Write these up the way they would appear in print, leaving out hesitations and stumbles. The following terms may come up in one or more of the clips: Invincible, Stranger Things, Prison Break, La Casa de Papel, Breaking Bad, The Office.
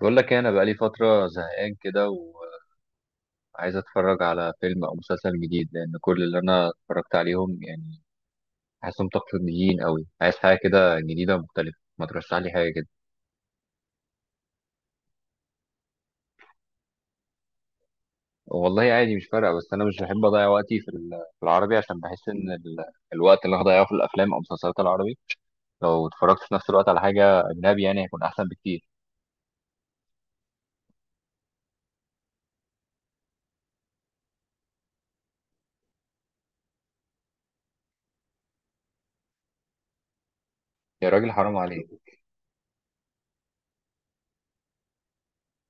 بقول لك إيه، انا بقالي فتره زهقان كده وعايز اتفرج على فيلم او مسلسل جديد لان كل اللي انا اتفرجت عليهم يعني حاسسهم تقليديين قوي، عايز حاجه كده جديده مختلفه. ما ترشح لي حاجه كده. والله عادي مش فارقه، بس انا مش بحب اضيع وقتي في العربي، عشان بحس ان الوقت اللي هضيعه في الافلام او مسلسلات العربي لو اتفرجت في نفس الوقت على حاجه اجنبي يعني هيكون احسن بكتير. يا راجل حرام عليك!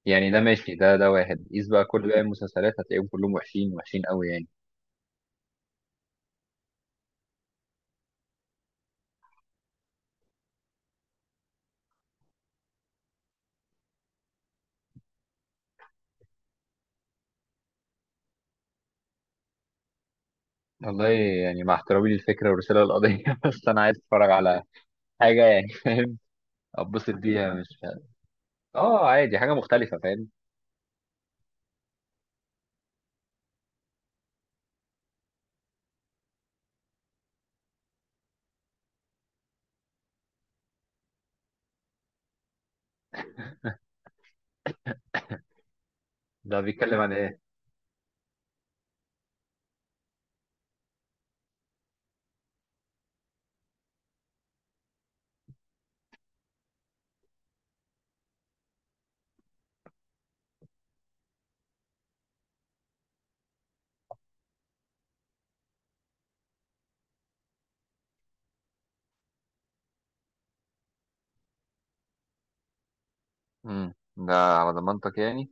يعني ده ماشي، ده واحد قيس بقى كل باقي المسلسلات هتلاقيهم كلهم وحشين قوي يعني. والله يعني مع احترامي للفكرة والرسالة والقضية بس أنا عايز أتفرج على حاجة، يعني فاهم، أتبسط بيها، مش عادي، حاجة مختلفة، فاهم. ده بيتكلم عن إيه؟ ده على ضمانتك يعني.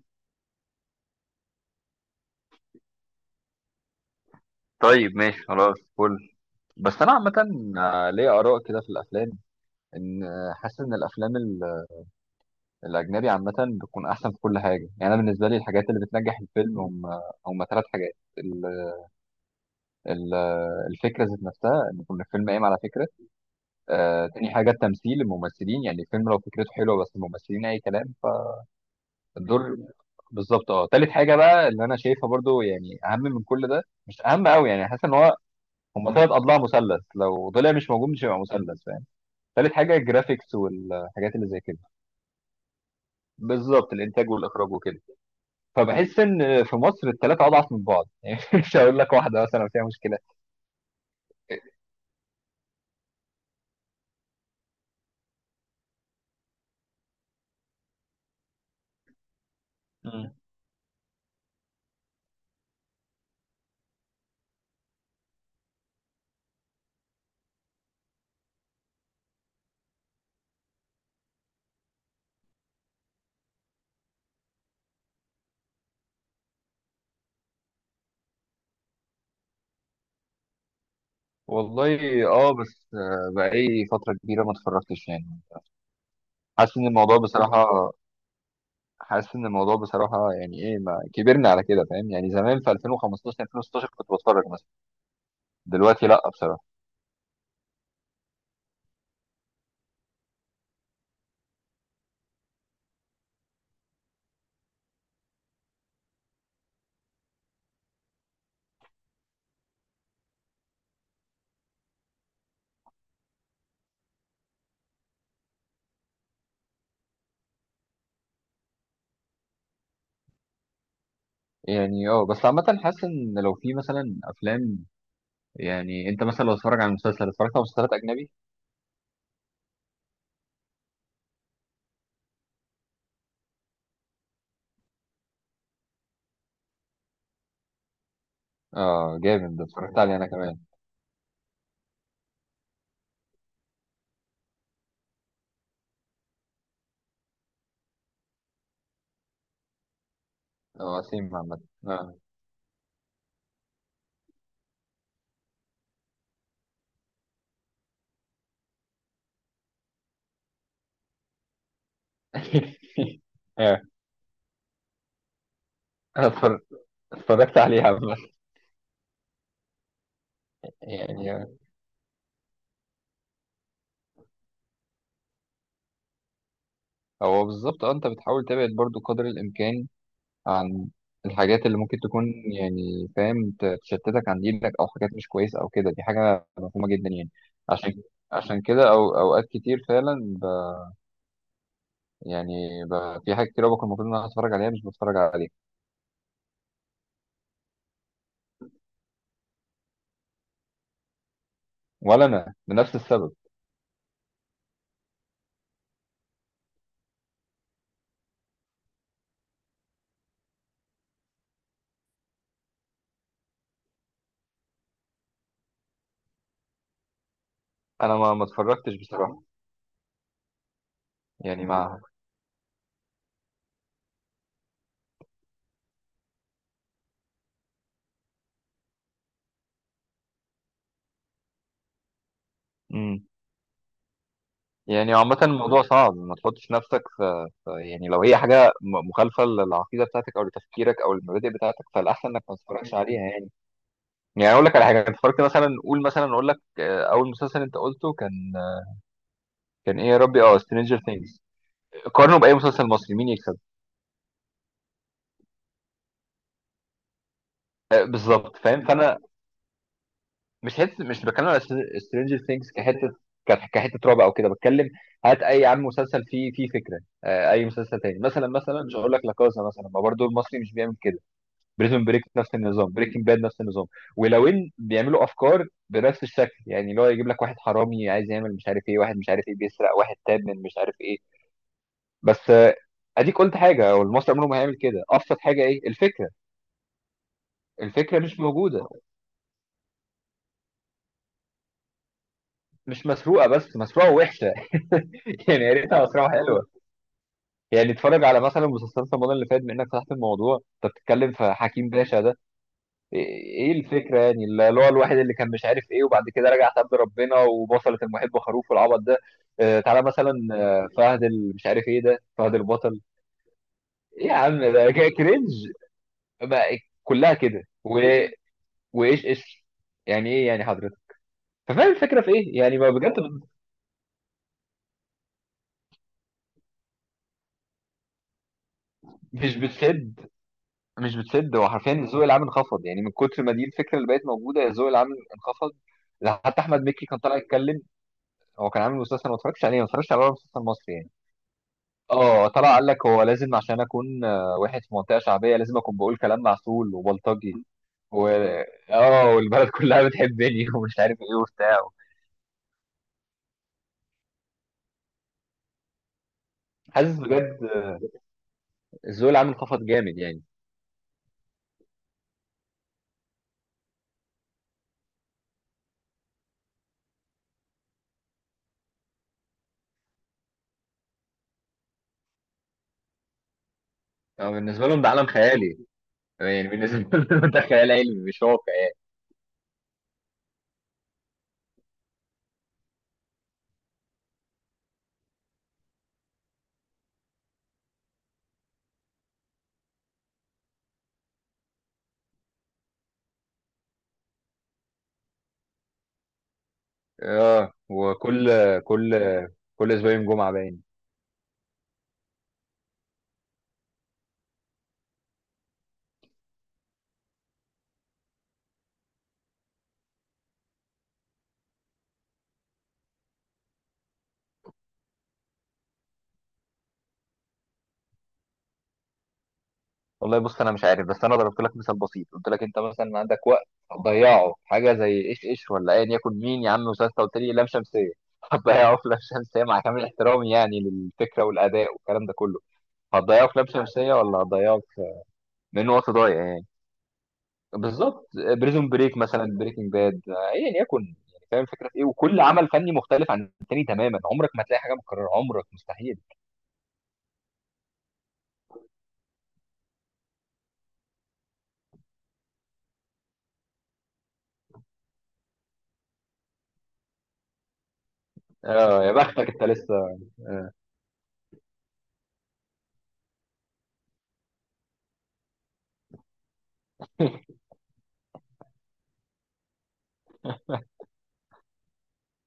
طيب ماشي خلاص، فل. بس أنا عامة، ليا آراء كده في الأفلام، إن حاسس إن الأفلام الأجنبي عامة بتكون أحسن في كل حاجة. يعني أنا بالنسبة لي الحاجات اللي بتنجح الفيلم هم ثلاث حاجات: ال- الفكرة ذات نفسها، إن يكون الفيلم قايم على فكرة. تاني حاجة التمثيل، الممثلين، يعني الفيلم لو فكرته حلوة بس الممثلين أي كلام فالدور. بالظبط. اه، تالت حاجة بقى اللي أنا شايفها برضو، يعني أهم من كل ده، مش أهم أوي يعني، حاسس إن هو هما تلات أضلاع مثلث، لو طلع مش موجود مش هيبقى مثلث، فاهم. تالت حاجة الجرافيكس والحاجات اللي زي كده. بالظبط، الإنتاج والإخراج وكده. فبحس إن في مصر التلاتة أضعف من بعض يعني، مش هقول لك واحدة مثلا فيها مشكلة. مم. والله، اه بس بقالي فترة كبيرة ما اتفرجتش يعني. حاسس ان الموضوع بصراحة حاسس ان الموضوع بصراحه، يعني ايه، ما كبرنا على كده، فاهم. يعني زمان في 2015 2016 كنت بتفرج مثلا، دلوقتي لا بصراحه. يعني اه، بس عامه حاسس ان لو في مثلا افلام، يعني انت مثلا لو اتفرج على مسلسل، اتفرجت على مسلسلات اجنبي. اه جامد، ده اتفرجت عليه انا كمان. اه وسيم عامه. اه. اه. أنا اتفرج- اتفرجت عليه عامه، يعني آه. هو بالظبط، اه انت بتحاول تبعد برضو قدر الامكان عن الحاجات اللي ممكن تكون، يعني فاهم، تشتتك عن دينك او حاجات مش كويسه او كده، دي حاجه مفهومه جدا يعني. عشان عشان كده او اوقات كتير فعلا، ب يعني في حاجات كتير أوي بكون المفروض ان انا اتفرج عليها مش بتفرج عليها. ولا انا لنفس السبب، انا ما اتفرجتش بصراحه، يعني مع امم. يعني عامة الموضوع صعب، ما تحطش نفسك في يعني لو هي حاجة مخالفة للعقيدة بتاعتك أو لتفكيرك أو المبادئ بتاعتك، فالأحسن إنك ما تتفرجش عليها يعني. يعني اقول لك على حاجه انت اتفرجت مثلا، قول مثلا، اقول لك اول مسلسل انت قلته كان، كان ايه يا ربي، اه سترينجر ثينجز، قارنه باي مسلسل مصري مين يكسب. بالظبط، فاهم. فانا مش حته، مش بتكلم على سترينجر ثينجز كحته، كحته رعب او كده بتكلم. هات اي عم مسلسل فيه فكره، اي مسلسل تاني مثلا، مثلا مش هقول لك، لا كازا مثلا، ما برضه المصري مش بيعمل كده. بريزون بريك نفس النظام، بريكنج باد نفس النظام. ولو ان بيعملوا افكار بنفس الشكل، يعني اللي هو يجيب لك واحد حرامي عايز يعمل مش عارف ايه، واحد مش عارف ايه بيسرق، واحد تاب من مش عارف ايه، بس اديك قلت حاجه والمصري عمره ما هيعمل كده. ابسط حاجه ايه الفكره، الفكره مش موجوده. مش مسروقه بس مسروقه وحشه يعني يا ريتها مسروقه حلوه. يعني اتفرج على مثلا مسلسلات رمضان اللي فات، بانك فتحت الموضوع انت بتتكلم في حكيم باشا ده، ايه إيه الفكره يعني، اللي هو الواحد اللي كان مش عارف ايه وبعد كده رجع تاب ربنا وبصلت المحب خروف والعبط ده. اه، تعالى مثلا فهد مش عارف ايه ده، فهد البطل، ايه يا عم ده كرنج بقى. كلها كده و... وايش ايش يعني ايه يعني حضرتك. ففاهم الفكره في ايه يعني بقى بجد. مش بتسد مش بتسد، هو حرفيا الذوق العام انخفض يعني، من كتر ما دي الفكره اللي بقت موجوده الذوق العام انخفض. ده حتى احمد مكي كان طالع يتكلم، هو كان عامل مسلسل ما اتفرجتش عليه، ما اتفرجتش على ولا مسلسل مصري يعني. اه، طلع قال لك هو لازم عشان اكون واحد في منطقه شعبيه لازم اكون بقول كلام معسول وبلطجي، و اه والبلد كلها بتحبني ومش عارف ايه وبتاع. حاسس بجد الذوق العام انخفض جامد يعني. بالنسبه لهم ده عالم خيالي، يعني بالنسبه لهم ده خيال علمي مش واقع. اه، وكل كل كل اسبوعين جمعه باين. والله بص انا مش عارف، بس انا ضربت لك مثال بسيط، قلت لك انت مثلا عندك وقت هتضيعه في حاجه زي ايش ايش، ولا ايا يكن مين يا عم، وساستا قلت لي لام شمسيه هتضيعه في لام شمسيه، مع كامل احترامي يعني للفكره والاداء والكلام ده كله، هتضيعه في لام شمسيه ولا هتضيعه في، من وقت ضايع يعني، بالظبط بريزون بريك مثلا، بريكنج باد، ايا يكن. يعني فاهم الفكره في ايه، وكل عمل فني مختلف عن التاني تماما، عمرك ما هتلاقي حاجه متكرره عمرك، مستحيل. اه يا بختك انت لسه.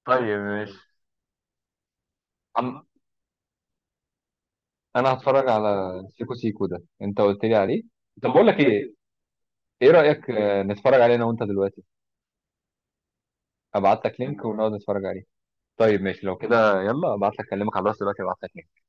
طيب ماشي. عم... انا هتفرج على سيكو سيكو ده انت قلت لي عليه. طب بقول لك ايه، ايه رايك نتفرج عليه انا وانت دلوقتي، ابعت لك لينك ونقعد نتفرج عليه. طيب ماشي لو كده، يلا ابعت لك، اكلمك على الواتس دلوقتي ابعت لك لينك.